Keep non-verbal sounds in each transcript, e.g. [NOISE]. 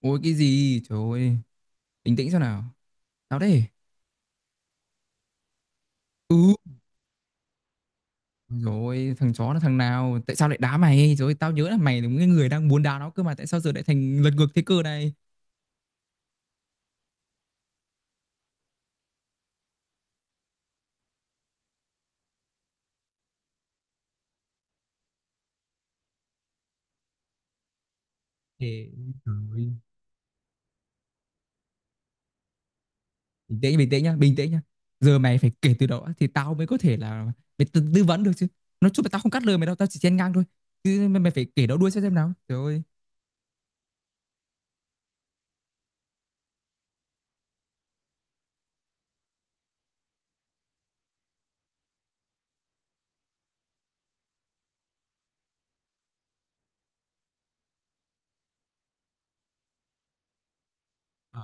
Ôi cái gì? Trời ơi, bình tĩnh xem nào. Tao đây. Ừ. Rồi, thằng chó là thằng nào? Tại sao lại đá mày? Rồi tao nhớ là mày là cái người đang muốn đá nó cơ mà tại sao giờ lại thành lật ngược thế cơ này? Thế, trời ơi. Bình tĩnh nhá, bình tĩnh nhá. Giờ mày phải kể từ đầu á, thì tao mới có thể là mày tư vấn được chứ. Nói chung là tao không cắt lời mày đâu, tao chỉ chen ngang thôi. Chứ mày, mày phải kể nó đuôi xem nào. Trời ơi. Ờ,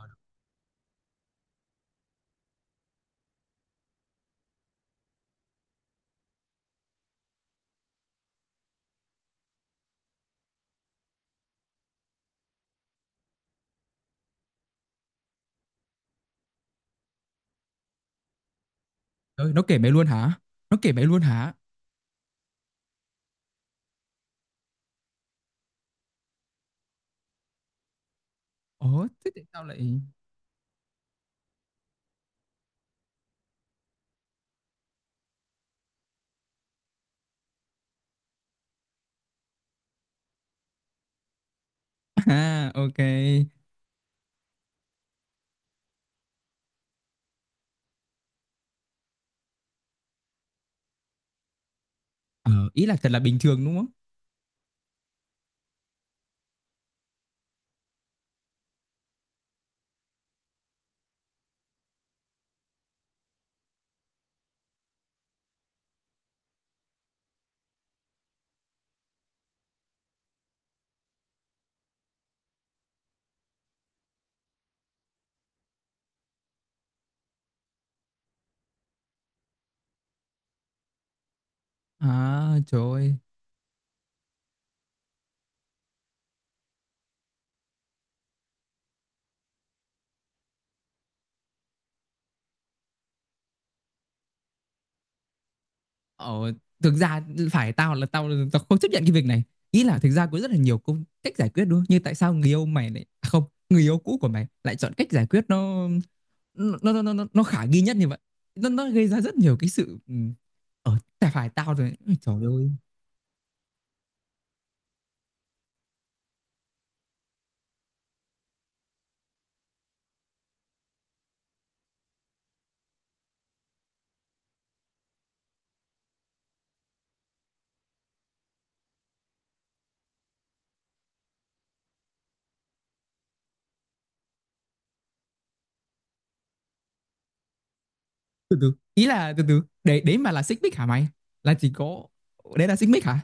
trời ơi, nó kể mày luôn hả? Nó kể mày luôn hả? Ồ, thế tại sao lại... [LAUGHS] À, ok. Ờ, ý là thật là bình thường đúng không? À, trời ơi. Ờ, thực ra phải tao là tao không chấp nhận cái việc này. Ý là thực ra có rất là nhiều công cách giải quyết đúng không? Như tại sao người yêu mày lại à, không, người yêu cũ của mày lại chọn cách giải quyết nó khả nghi nhất như vậy. Nó gây ra rất nhiều cái sự ừ, ờ tại phải tao rồi. Ôi, Trời ơi. Từ từ. Ý là từ từ. Đấy đấy mà là xích mích hả mày? Là chỉ có đấy là xích mích hả?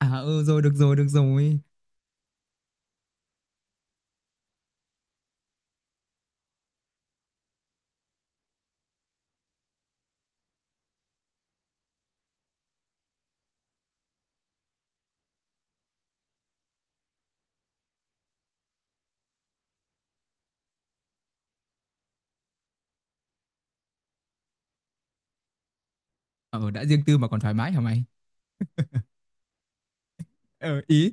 À ừ rồi được rồi được rồi. Ờ đã riêng tư mà còn thoải mái hả mày? Ờ ý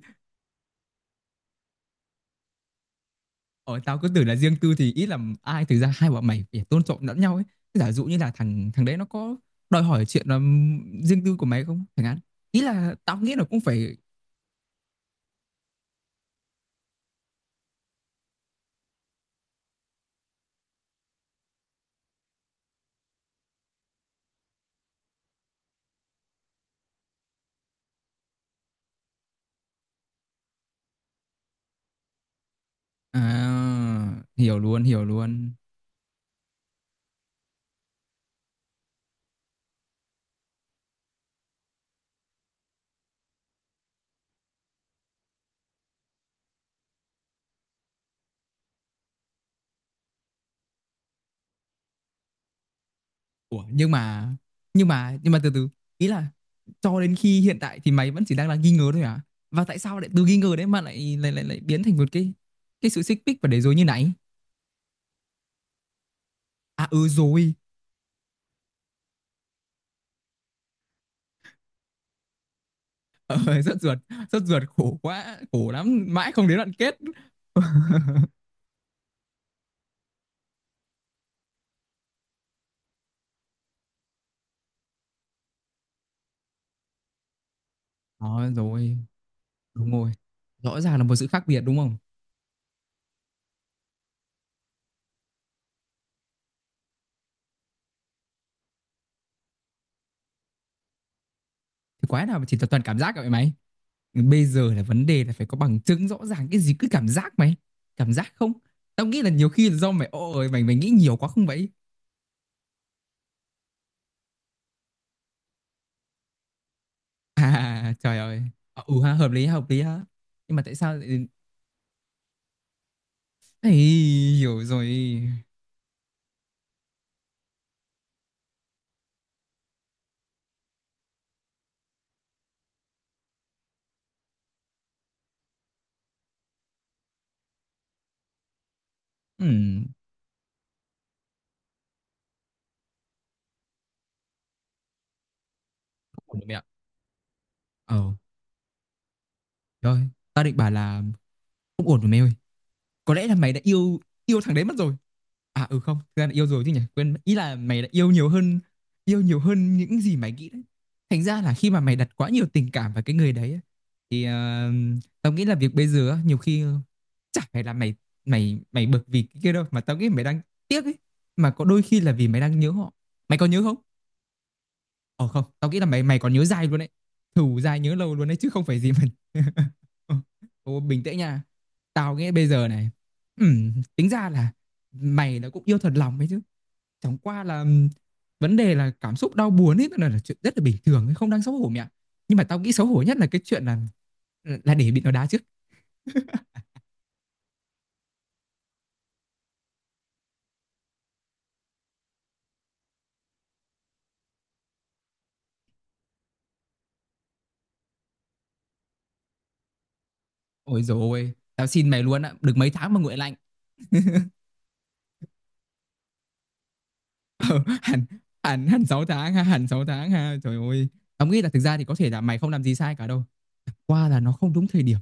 Ồ, tao cứ tưởng là riêng tư thì ít làm ai thực ra hai bọn mày phải tôn trọng lẫn nhau ấy. Giả dụ như là thằng thằng đấy nó có đòi hỏi chuyện là riêng tư của mày không? Thằng hạn. Ý là tao nghĩ là cũng phải à, hiểu luôn, hiểu luôn. Ủa nhưng mà từ từ ý là cho đến khi hiện tại thì mày vẫn chỉ đang là nghi ngờ thôi à? Và tại sao lại từ nghi ngờ đấy mà lại biến thành một cái sự xích mích và để rồi như này? À ừ rồi. [LAUGHS] Ờ, rất ruột khổ quá, khổ lắm, mãi không đến đoạn kết. [LAUGHS] Đó rồi, đúng rồi. Rõ ràng là một sự khác biệt đúng không? Thì quái nào mà chỉ là toàn cảm giác cả vậy mày. Bây giờ là vấn đề là phải có bằng chứng rõ ràng cái gì cứ cảm giác mày. Cảm giác không? Tao nghĩ là nhiều khi là do mày ôi mày mày nghĩ nhiều quá không vậy? À trời ơi. Ờ, Ừ ha, hợp lý ha, hợp lý ha. Nhưng mà tại sao lại Ây, hiểu rồi. Ừm, không ổn rồi mẹ ạ. Ờ, rồi, tao định bảo là không ổn rồi mẹ ơi. Có lẽ là mày đã yêu yêu thằng đấy mất rồi. À ừ không thực ra là yêu rồi chứ nhỉ, quên, ý là mày đã yêu nhiều hơn, yêu nhiều hơn những gì mày nghĩ đấy. Thành ra là khi mà mày đặt quá nhiều tình cảm vào cái người đấy thì ờ, tao nghĩ là việc bây giờ á, nhiều khi ờ, chả phải là mày mày mày bực vì cái kia đâu mà tao nghĩ mày đang tiếc ấy, mà có đôi khi là vì mày đang nhớ họ. Mày có nhớ không? Ờ không tao nghĩ là mày mày còn nhớ dai luôn đấy, thù dai nhớ lâu luôn đấy chứ không phải gì mình. [LAUGHS] Ô, bình tĩnh nha. Tao nghĩ bây giờ này, tính ra là mày nó cũng yêu thật lòng ấy chứ. Chẳng qua là vấn đề là cảm xúc đau buồn ấy là chuyện rất là bình thường, ấy, không đáng xấu hổ mẹ. Nhưng mà tao nghĩ xấu hổ nhất là cái chuyện là để bị nó đá trước. [LAUGHS] Ôi dồi ôi, tao xin mày luôn á, được mấy tháng mà nguội lạnh. [LAUGHS] Ờ, hẳn hẳn hẳn 6 tháng ha, hẳn 6 tháng ha. Trời ơi. Tao nghĩ là thực ra thì có thể là mày không làm gì sai cả đâu. Chẳng qua là nó không đúng thời điểm.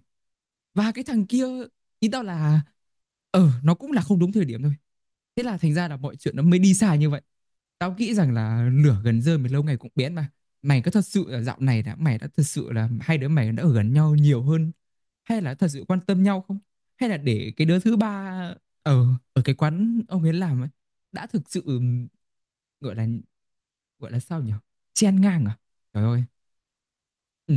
Và cái thằng kia, ý tao là, ờ nó cũng là không đúng thời điểm thôi. Thế là thành ra là mọi chuyện nó mới đi xa như vậy. Tao nghĩ rằng là lửa gần rơm thì lâu ngày cũng biến mà. Mày có thật sự là dạo này đã mày đã thật sự là hai đứa mày đã ở gần nhau nhiều hơn hay là thật sự quan tâm nhau không? Hay là để cái đứa thứ ba ở ở cái quán ông ấy làm ấy đã thực sự gọi là, gọi là sao nhỉ? Chen ngang à? Trời ơi. Ừ.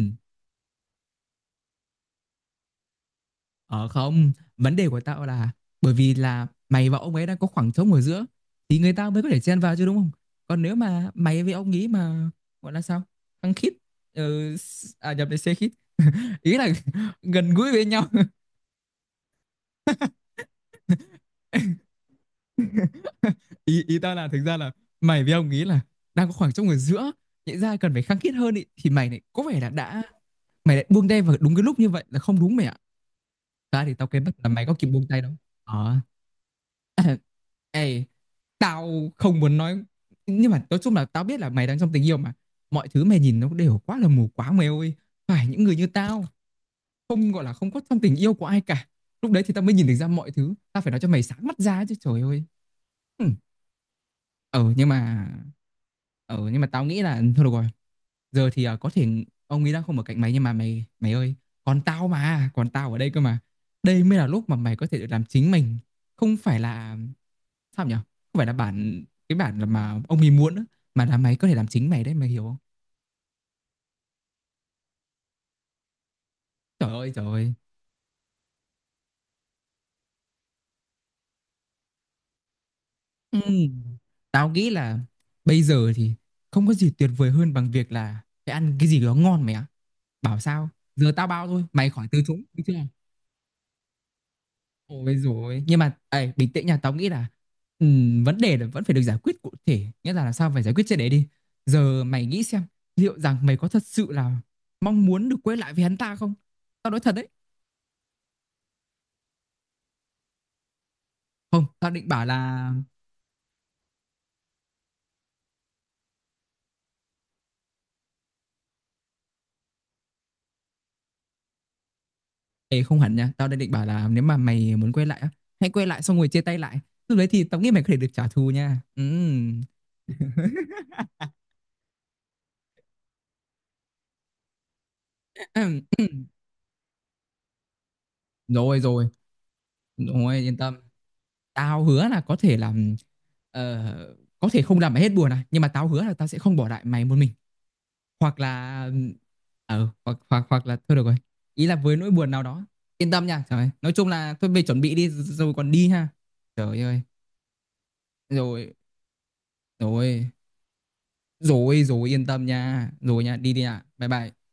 Ờ không, vấn đề của tao là bởi vì là mày và ông ấy đang có khoảng trống ở giữa thì người ta mới có thể chen vào chứ đúng không? Còn nếu mà mày với ông ý mà gọi là sao? Khăng khít ờ, à nhập về xe khít. Ý là [LAUGHS] gần gũi với nhau. [LAUGHS] Ý ý tao là thực ra là mày với ông ý là đang có khoảng trống ở giữa, nhẽ ra cần phải khăng khít hơn ý, thì mày lại có vẻ là đã mày lại buông tay vào đúng cái lúc như vậy là không đúng mày ạ. Ta thì tao kém bắt là mày có kịp buông tay đâu. Ờ [LAUGHS] Ê, tao không muốn nói nhưng mà nói chung là tao biết là mày đang trong tình yêu mà mọi thứ mày nhìn nó đều quá là mù quáng mày ơi. Phải những người như tao không gọi là không có trong tình yêu của ai cả, lúc đấy thì tao mới nhìn được ra mọi thứ, tao phải nói cho mày sáng mắt ra chứ trời ơi. Ừ. Ờ nhưng mà tao nghĩ là thôi được rồi, giờ thì à, có thể ông ấy đang không ở cạnh mày nhưng mà mày mày ơi, còn tao mà còn tao ở đây cơ mà. Đây mới là lúc mà mày có thể được làm chính mình, không phải là, sao nhỉ, không phải là bản cái bản mà ông ấy muốn á, mà là mày có thể làm chính mày đấy, mày hiểu không? Trời ơi, trời ơi. Ừ. Tao nghĩ là bây giờ thì không có gì tuyệt vời hơn bằng việc là phải ăn cái gì đó ngon mày ạ. Bảo sao giờ tao bao thôi mày khỏi từ chối được chưa. Ôi rồi nhưng mà ấy, bình tĩnh nha, tao nghĩ là vấn đề là vẫn phải được giải quyết cụ thể, nghĩa là làm sao phải giải quyết triệt để đi. Giờ mày nghĩ xem liệu rằng mày có thật sự là mong muốn được quay lại với hắn ta không? Tao nói thật đấy. Không tao định bảo là Ê, không hẳn nha, tao đang định bảo là nếu mà mày muốn quay lại á, hãy quay lại xong rồi chia tay lại, lúc đấy thì tao nghĩ mày có thể được trả thù nha. Ừm. [LAUGHS] [COUGHS] Rồi rồi. Ôi yên tâm, tao hứa là có thể làm ờ, có thể không làm mày hết buồn à, nhưng mà tao hứa là tao sẽ không bỏ lại mày một mình. Hoặc là ờ, hoặc, hoặc là thôi được rồi. Ý là với nỗi buồn nào đó, yên tâm nha trời ơi. Nói chung là thôi về chuẩn bị đi. Rồi còn đi ha. Trời ơi. Rồi. Rồi. Rồi rồi yên tâm nha. Rồi nha, đi đi nha. Bye bye.